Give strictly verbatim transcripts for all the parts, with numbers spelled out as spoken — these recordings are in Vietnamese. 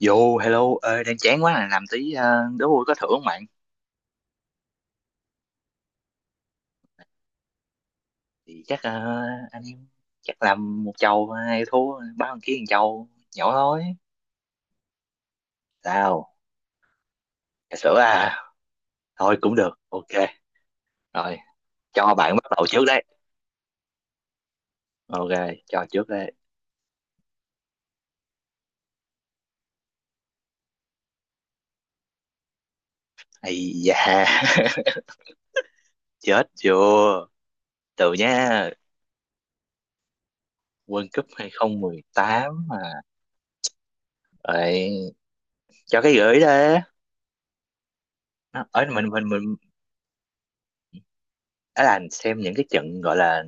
Yo, hello, ơi đang chán quá à, làm tí ờ, đố vui có thưởng không bạn? Thì chắc ờ, anh em chắc làm một chầu hai thua ba thằng kia một chầu nhỏ thôi. Sao? Trà sữa à? Thôi cũng được. Ok. Rồi, cho bạn bắt đầu trước đấy. Ok, cho trước đấy. Ây da, chết chưa? Từ nha. World Cup hai không một tám mà. Rồi, cho cái gửi đấy. Nó- Ở mình mình mình ở là xem những cái trận gọi là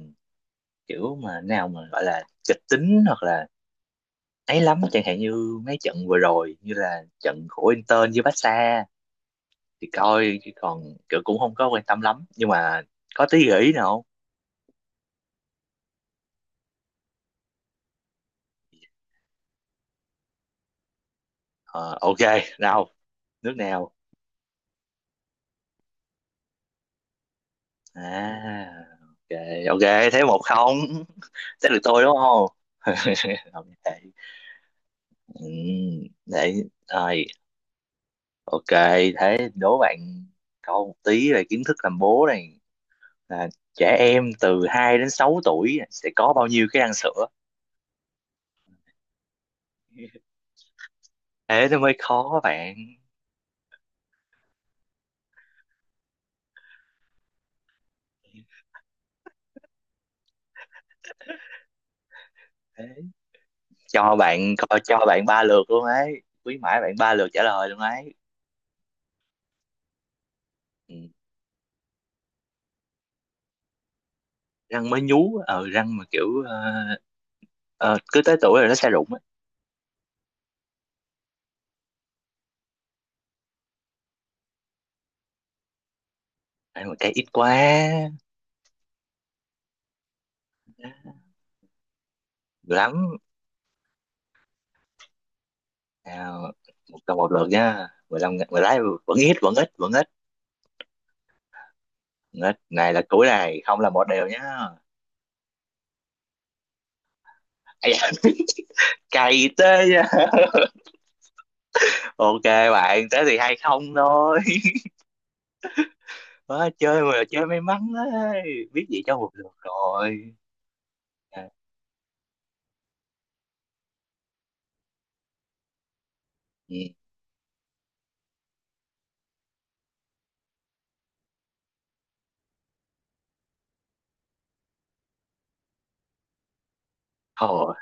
kiểu mà nào mà gọi là kịch tính hoặc là ấy lắm, chẳng hạn như mấy trận vừa rồi như là trận của Inter với Barca thì coi, chứ còn kiểu cũng không có quan tâm lắm, nhưng mà có tí gợi ý nào không? Ờ, ok, nào, nước nào? À, ok ok, thế một không. Thế được tôi đúng không? Không vậy. Ừ, để rồi, ok, thế đố bạn câu một tí về kiến thức làm bố này, là trẻ em từ hai đến sáu tuổi sẽ có bao nhiêu cái răng sữa? Thế nó mới khó bạn. Thế cho bạn coi, cho bạn ba lượt luôn ấy, quý mãi bạn ba lượt trả lời luôn ấy. Ừ. Răng mới nhú, ờ răng mà kiểu ờ, ờ, cứ tới tuổi rồi nó sẽ rụng ấy. Ăn một cái ít quá. Nhiều lắm, nào, một câu một lượt nha. mười lăm ngày- mười lái vẫn ít, vẫn ít, vẫn ít, vẫn ít. Này là cuối này, không là một đều nhá. Ây da, cày tê nha. Ok bạn, thế thì hay không thôi. Má, chơi mà chơi may mắn ấy, biết gì cho một lượt rồi. À, ừ. Thôi,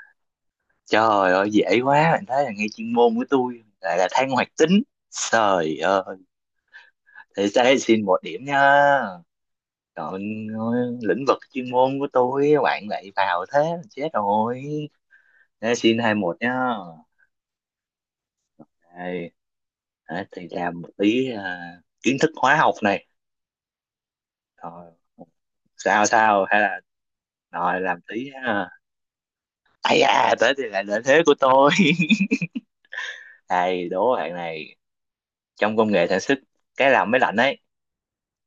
trời ơi dễ quá bạn, thấy là ngay chuyên môn của tôi lại là than hoạt tính. Trời ơi, thì sẽ xin một điểm nha. Còn lĩnh vực chuyên môn của tôi bạn lại vào, thế là chết rồi. Thế xin hai một nhá. Đây, đấy, thì làm một tí à, kiến thức hóa học này. Rồi, sao sao hay là rồi làm tí à. Ây da, tới thì lại lợi thế của tôi. Này, đố bạn này. Trong công nghệ sản xuất cái làm máy lạnh ấy,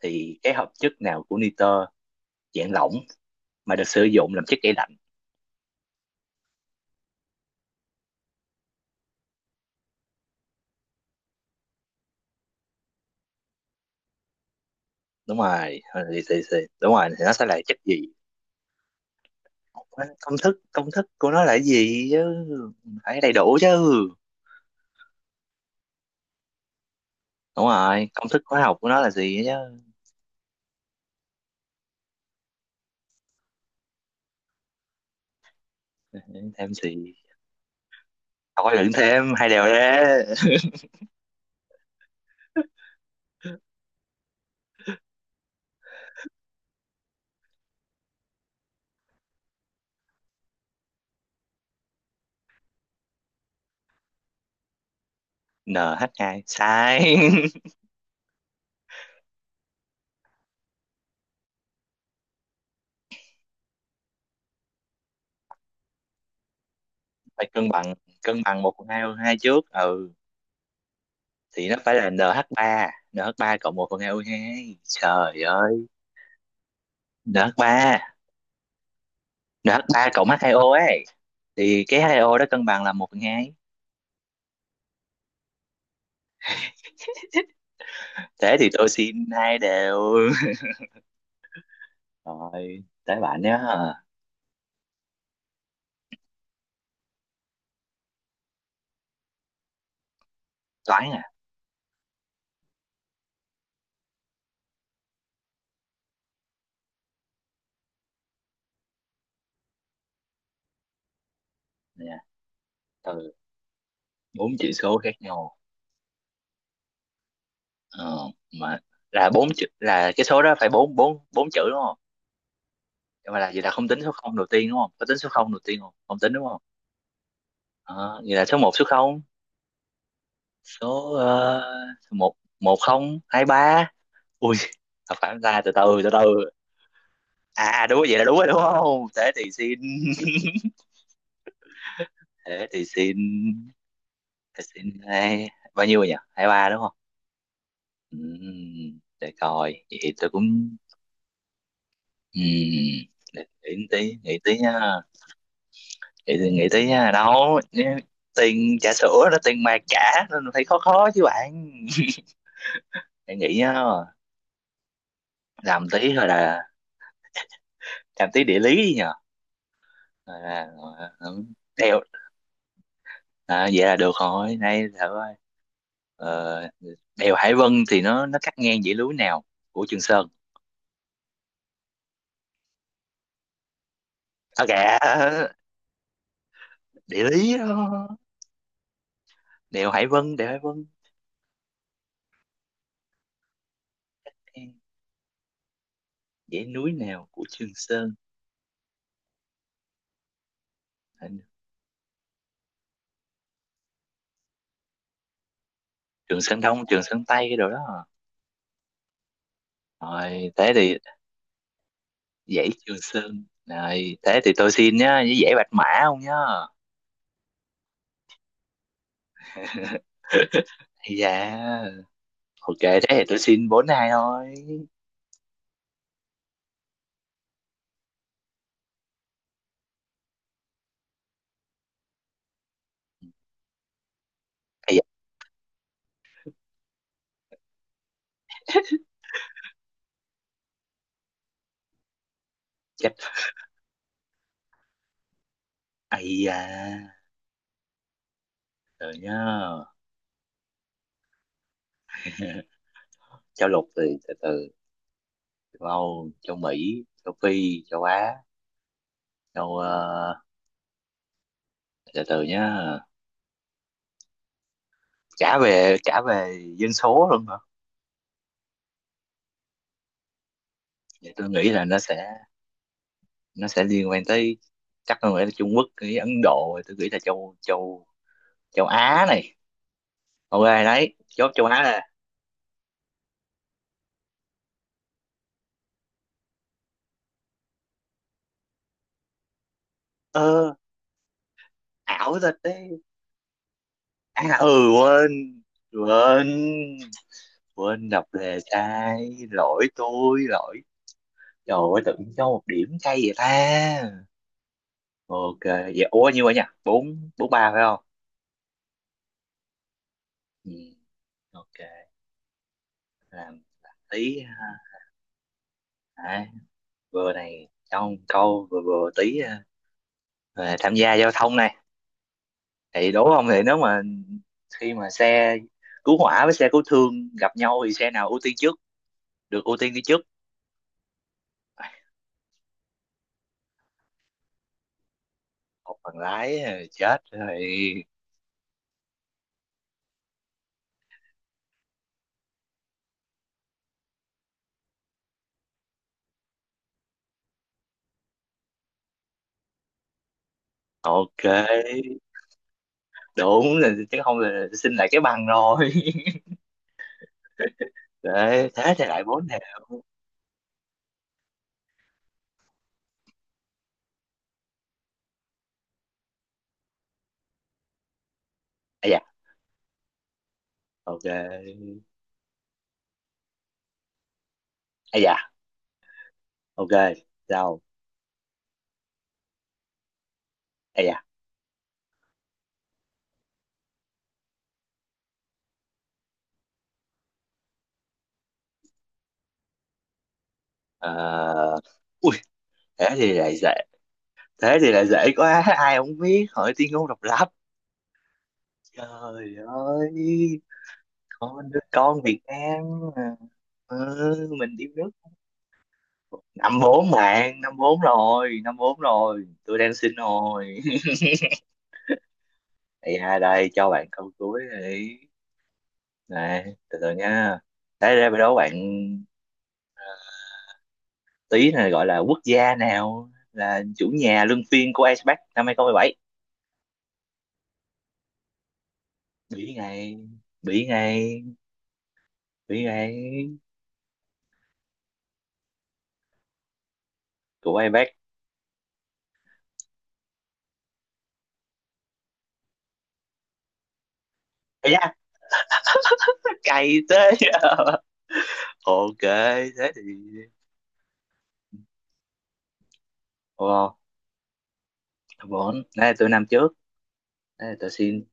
thì cái hợp chất nào của nitơ dạng lỏng mà được sử dụng làm chất gây lạnh? Đúng rồi, thì, thì, thì, đúng rồi, thì nó sẽ là chất gì? Công thức, công thức của nó là cái gì chứ? Phải đầy đủ chứ. Đúng rồi, công thức hóa học của nó là gì chứ? Thêm gì? Thôi đừng thêm, hai đều đấy. en hát hai, sai. Phải cân bằng, cân bằng một phần hai hơn hai trước. Ừ. Thì nó phải là en hát ba nh ba en hát ba cộng một phần hát o hai, trời ơi. en hát ba nh ba en hát ba cộng hát hai o ấy, thì cái hai o đó cân bằng là một phần hai. Thế thì tôi xin hai đều. Rồi, tới bạn nhé. Toán à? Nè, từ bốn chữ số khác nhau. Ờ, mà là bốn chữ, là cái số đó phải bốn bốn bốn chữ đúng không? Nhưng mà là, vậy là không tính số không đầu tiên đúng không, có tính số không đầu tiên không, không tính đúng không? Ờ, vậy là số một số không. Số uh, một, một không hai ba. Ui. Thật phản ra, từ từ từ từ, à đúng, vậy là đúng rồi đúng không? Thế thì xin. Thế thì xin, thế xin hai. Bao nhiêu rồi nhỉ, hai ba đúng không? Ừm, để coi, vậy thì tôi cũng ừm, để nghĩ tí, nghĩ tí nha. Nghĩ tí, nghĩ tí nha, đâu nhé, tiền trà sữa đó tiền mà trả nên phải khó khó chứ bạn. Để nghĩ nha. Làm tí rồi là làm tí địa lý nhờ. Rồi là- rồi là- đeo, à, vậy là được rồi, nay thử ơi. ờ, đèo Hải Vân thì nó nó cắt ngang dãy núi nào của Trường Sơn? À kìa, địa lý đó, đèo Hải Vân, đèo Hải Vân, ngang dãy núi nào của Trường Sơn? Trường Sơn Đông Trường Sơn Tây cái đồ đó à. Rồi thế thì dãy Trường Sơn, rồi thế thì tôi xin nhá, với dãy Bạch Mã không nhá. Ây da, ok thế thì tôi xin bốn hai thôi. Ây da, chết. Ây da, rồi nhá. Châu lục thì, từ từ, châu Âu, châu Mỹ, châu Phi, châu Á, châu ờ, từ từ nhá. Trả về trả về dân số luôn hả? Vậy tôi nghĩ là nó sẽ, nó sẽ liên quan tới, chắc tôi nghĩ là Trung Quốc, cái Ấn Độ, tôi nghĩ là châu châu châu Á này. Ok đấy, chốt châu Á là. Ơ, ảo thật đấy. À ừ, quên, quên, quên đọc đề sai. Lỗi tôi, lỗi. Trời ơi, tự nhiên cho một điểm cay vậy ta. Ok vậy, ủa nhiêu vậy nhỉ, bốn bốn ba phải không? Ừ. Ok, làm tí ha. À, vừa này trong câu vừa vừa tí à, về tham gia giao thông này, thì đố không, thì nếu mà khi mà xe cứu hỏa với xe cứu thương gặp nhau thì xe nào ưu tiên trước, được ưu tiên đi trước? À, một bằng lái à, chết rồi. Ok, đúng là chứ không là xin lại cái bằng rồi. Đấy thế thì lại bốn đều. À dạ, ok. À dạ, ok. Sao? À, ui thế thì lại dễ, thế thì lại dễ quá, ai không biết hỏi tuyên ngôn độc lập. Trời ơi, con đứa con Việt Nam mà. Ừ, mình yêu nước. Năm bốn bạn, năm bốn rồi, năm bốn rồi tôi đang xin rồi. Ây da, đây cho bạn câu cuối đi, này từ từ nha, thế ra đâu bạn. ờ, tí này gọi là quốc gia nào là chủ nhà luân phiên của Ice Pack năm hai không mười bảy? Bị ngay, bị ngay, bị ngay. Của ai bác? Ấy da, cày thế. Ok thế thì wow, bốn, đây là tôi năm trước, đây là tôi xin.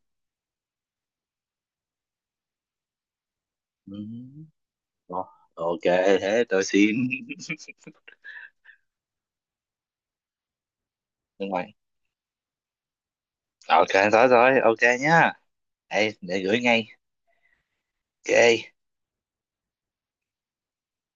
Ừ. Ồ, ok thế tôi xin. Nhưng mà ok, rồi rồi, ok nhá, đây để gửi ngay. Ok.